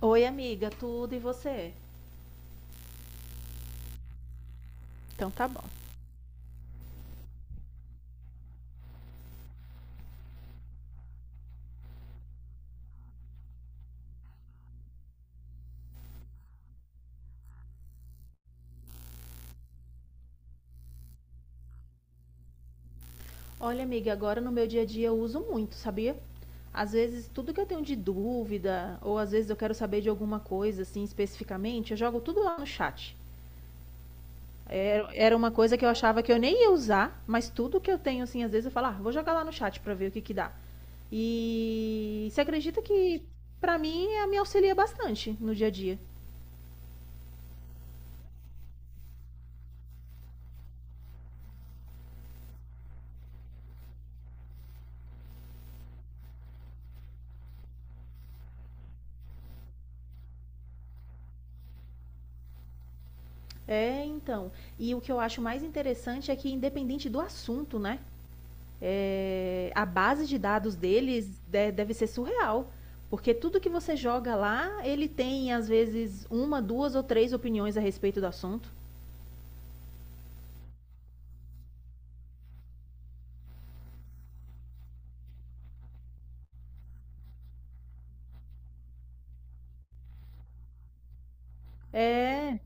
Oi, amiga, tudo e você? Então tá bom. Olha, amiga, agora no meu dia a dia eu uso muito, sabia? Às vezes, tudo que eu tenho de dúvida, ou às vezes eu quero saber de alguma coisa, assim, especificamente, eu jogo tudo lá no chat. Era uma coisa que eu achava que eu nem ia usar, mas tudo que eu tenho, assim, às vezes eu falo, ah, vou jogar lá no chat pra ver o que que dá. E você acredita que, pra mim, me auxilia bastante no dia a dia. É, então. E o que eu acho mais interessante é que, independente do assunto, né? É, a base de dados deles deve ser surreal. Porque tudo que você joga lá, ele tem, às vezes, uma, duas ou três opiniões a respeito do assunto. É,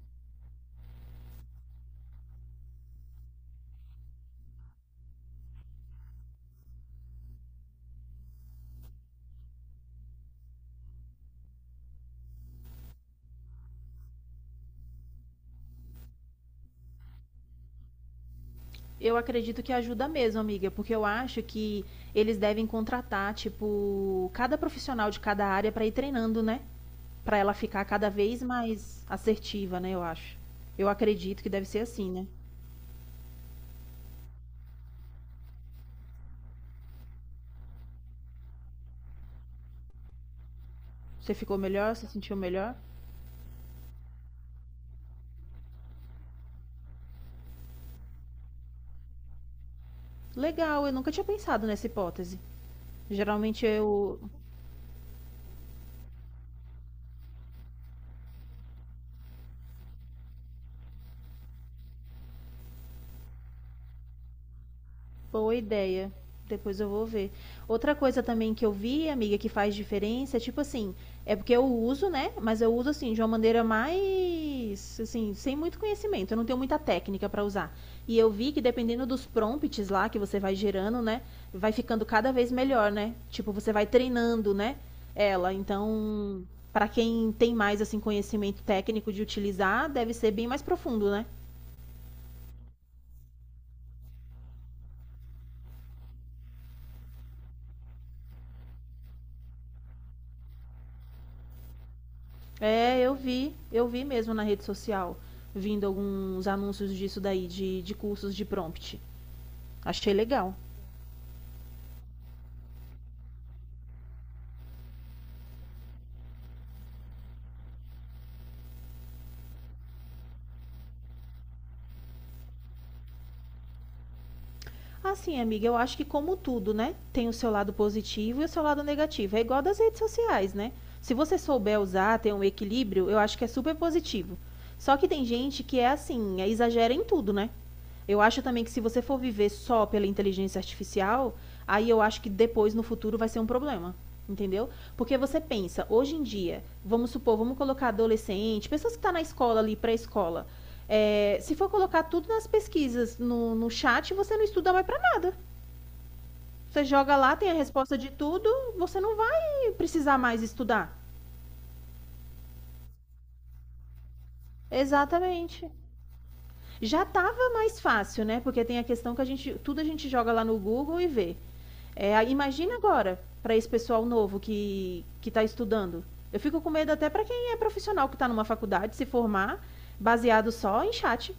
eu acredito que ajuda mesmo, amiga, porque eu acho que eles devem contratar, tipo, cada profissional de cada área para ir treinando, né? Para ela ficar cada vez mais assertiva, né? Eu acho. Eu acredito que deve ser assim, né? Você ficou melhor? Você sentiu melhor? Legal, eu nunca tinha pensado nessa hipótese. Geralmente eu. Boa ideia. Depois eu vou ver. Outra coisa também que eu vi, amiga, que faz diferença é tipo assim, é porque eu uso, né? Mas eu uso assim de uma maneira mais assim, sem muito conhecimento, eu não tenho muita técnica pra usar. E eu vi que dependendo dos prompts lá que você vai gerando, né, vai ficando cada vez melhor, né? Tipo, você vai treinando, né, ela. Então, pra quem tem mais assim conhecimento técnico de utilizar, deve ser bem mais profundo, né? É, eu vi mesmo na rede social, vindo alguns anúncios disso daí, de cursos de prompt. Achei legal. Assim, amiga, eu acho que como tudo, né? Tem o seu lado positivo e o seu lado negativo. É igual das redes sociais, né? Se você souber usar, ter um equilíbrio, eu acho que é super positivo. Só que tem gente que é assim, é, exagera em tudo, né? Eu acho também que se você for viver só pela inteligência artificial, aí eu acho que depois, no futuro, vai ser um problema. Entendeu? Porque você pensa, hoje em dia, vamos supor, vamos colocar adolescente, pessoas que estão na escola ali, pré-escola. É, se for colocar tudo nas pesquisas, no chat, você não estuda mais para nada. Você joga lá, tem a resposta de tudo, você não vai precisar mais estudar. Exatamente. Já estava mais fácil, né? Porque tem a questão que a gente, tudo a gente joga lá no Google e vê. É, imagina agora para esse pessoal novo que está estudando. Eu fico com medo até para quem é profissional que está numa faculdade se formar baseado só em chat.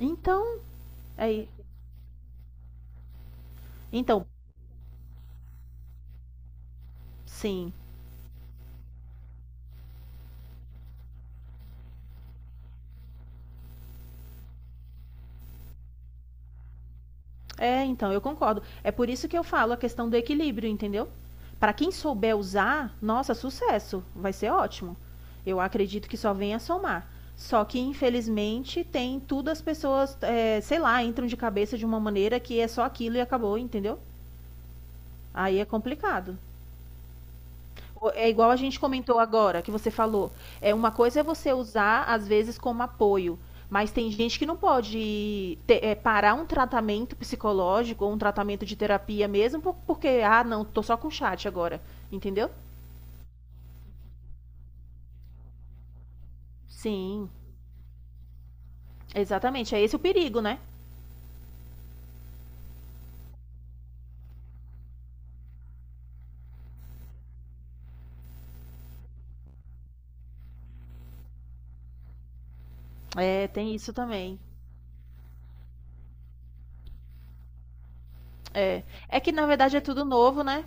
Então, aí, então, sim. É, então, eu concordo. É por isso que eu falo a questão do equilíbrio, entendeu? Para quem souber usar, nossa, sucesso, vai ser ótimo. Eu acredito que só vem a somar. Só que, infelizmente, tem tudo as pessoas, é, sei lá, entram de cabeça de uma maneira que é só aquilo e acabou, entendeu? Aí é complicado. É igual a gente comentou agora, que você falou. É uma coisa é você usar, às vezes, como apoio. Mas tem gente que não pode parar um tratamento psicológico ou um tratamento de terapia mesmo, porque, ah, não, tô só com chat agora. Entendeu? Sim, exatamente. É esse o perigo, né? É, tem isso também. É. É que na verdade é tudo novo, né?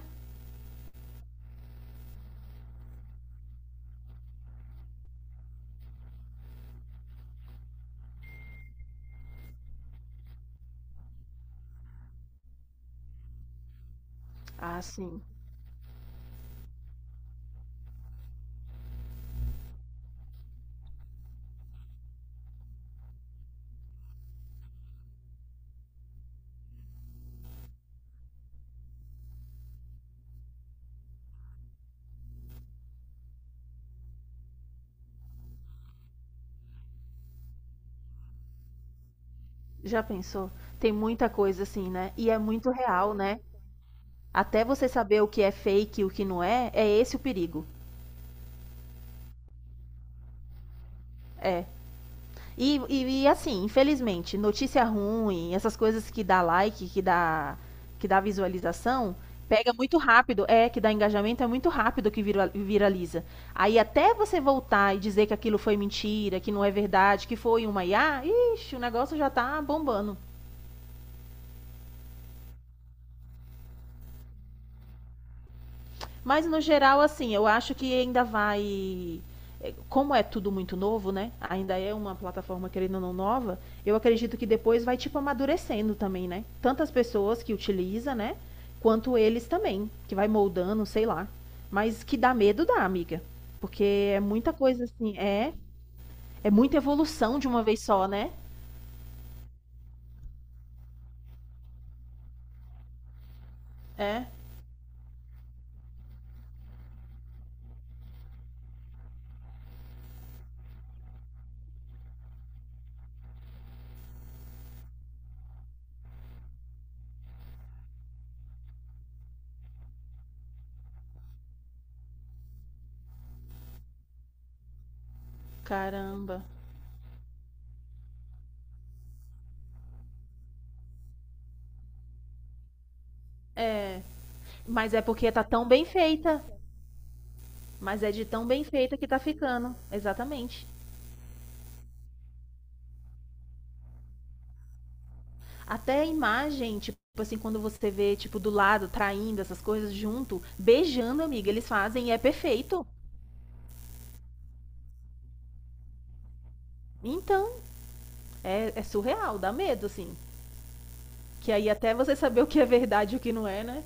Ah, sim. Já pensou? Tem muita coisa assim, né? E é muito real, né? Até você saber o que é fake e o que não é, é esse o perigo. É. E assim, infelizmente, notícia ruim, essas coisas que dá like, que dá visualização, pega muito rápido. É, que dá engajamento, é muito rápido que viraliza. Aí até você voltar e dizer que aquilo foi mentira, que não é verdade, que foi uma IA, ixi, o negócio já tá bombando. Mas no geral, assim, eu acho que ainda vai. É, como é tudo muito novo, né? Ainda é uma plataforma, querendo ou não, nova. Eu acredito que depois vai, tipo, amadurecendo também, né? Tanto as pessoas que utilizam, né? Quanto eles também, que vai moldando, sei lá. Mas que dá medo, dá, amiga. Porque é muita coisa, assim, é. É muita evolução de uma vez só, né? É, caramba. É. Mas é porque tá tão bem feita. Mas é de tão bem feita que tá ficando. Exatamente. Até a imagem, tipo assim, quando você vê, tipo, do lado, traindo essas coisas junto, beijando, amiga, eles fazem e é perfeito. Então, é surreal, dá medo, assim. Que aí até você saber o que é verdade e o que não é, né?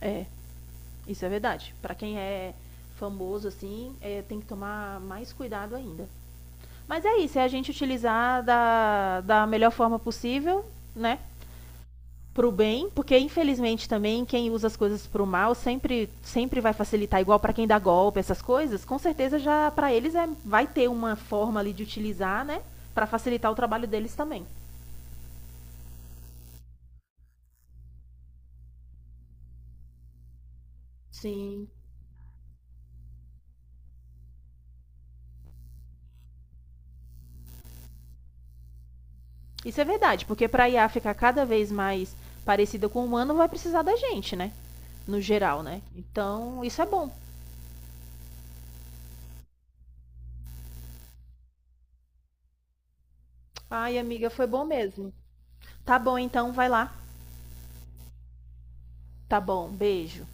É, isso é verdade. Pra quem é famoso, assim, é, tem que tomar mais cuidado ainda. Mas é isso, é a gente utilizar da melhor forma possível, né? Pro bem, porque infelizmente também quem usa as coisas pro mal sempre vai facilitar igual para quem dá golpe, essas coisas, com certeza já para eles é vai ter uma forma ali de utilizar, né, para facilitar o trabalho deles também. Sim. Isso é verdade, porque para a IA ficar cada vez mais parecida com o humano, vai precisar da gente, né? No geral, né? Então, isso é bom. Ai, amiga, foi bom mesmo. Tá bom, então, vai lá. Tá bom, beijo.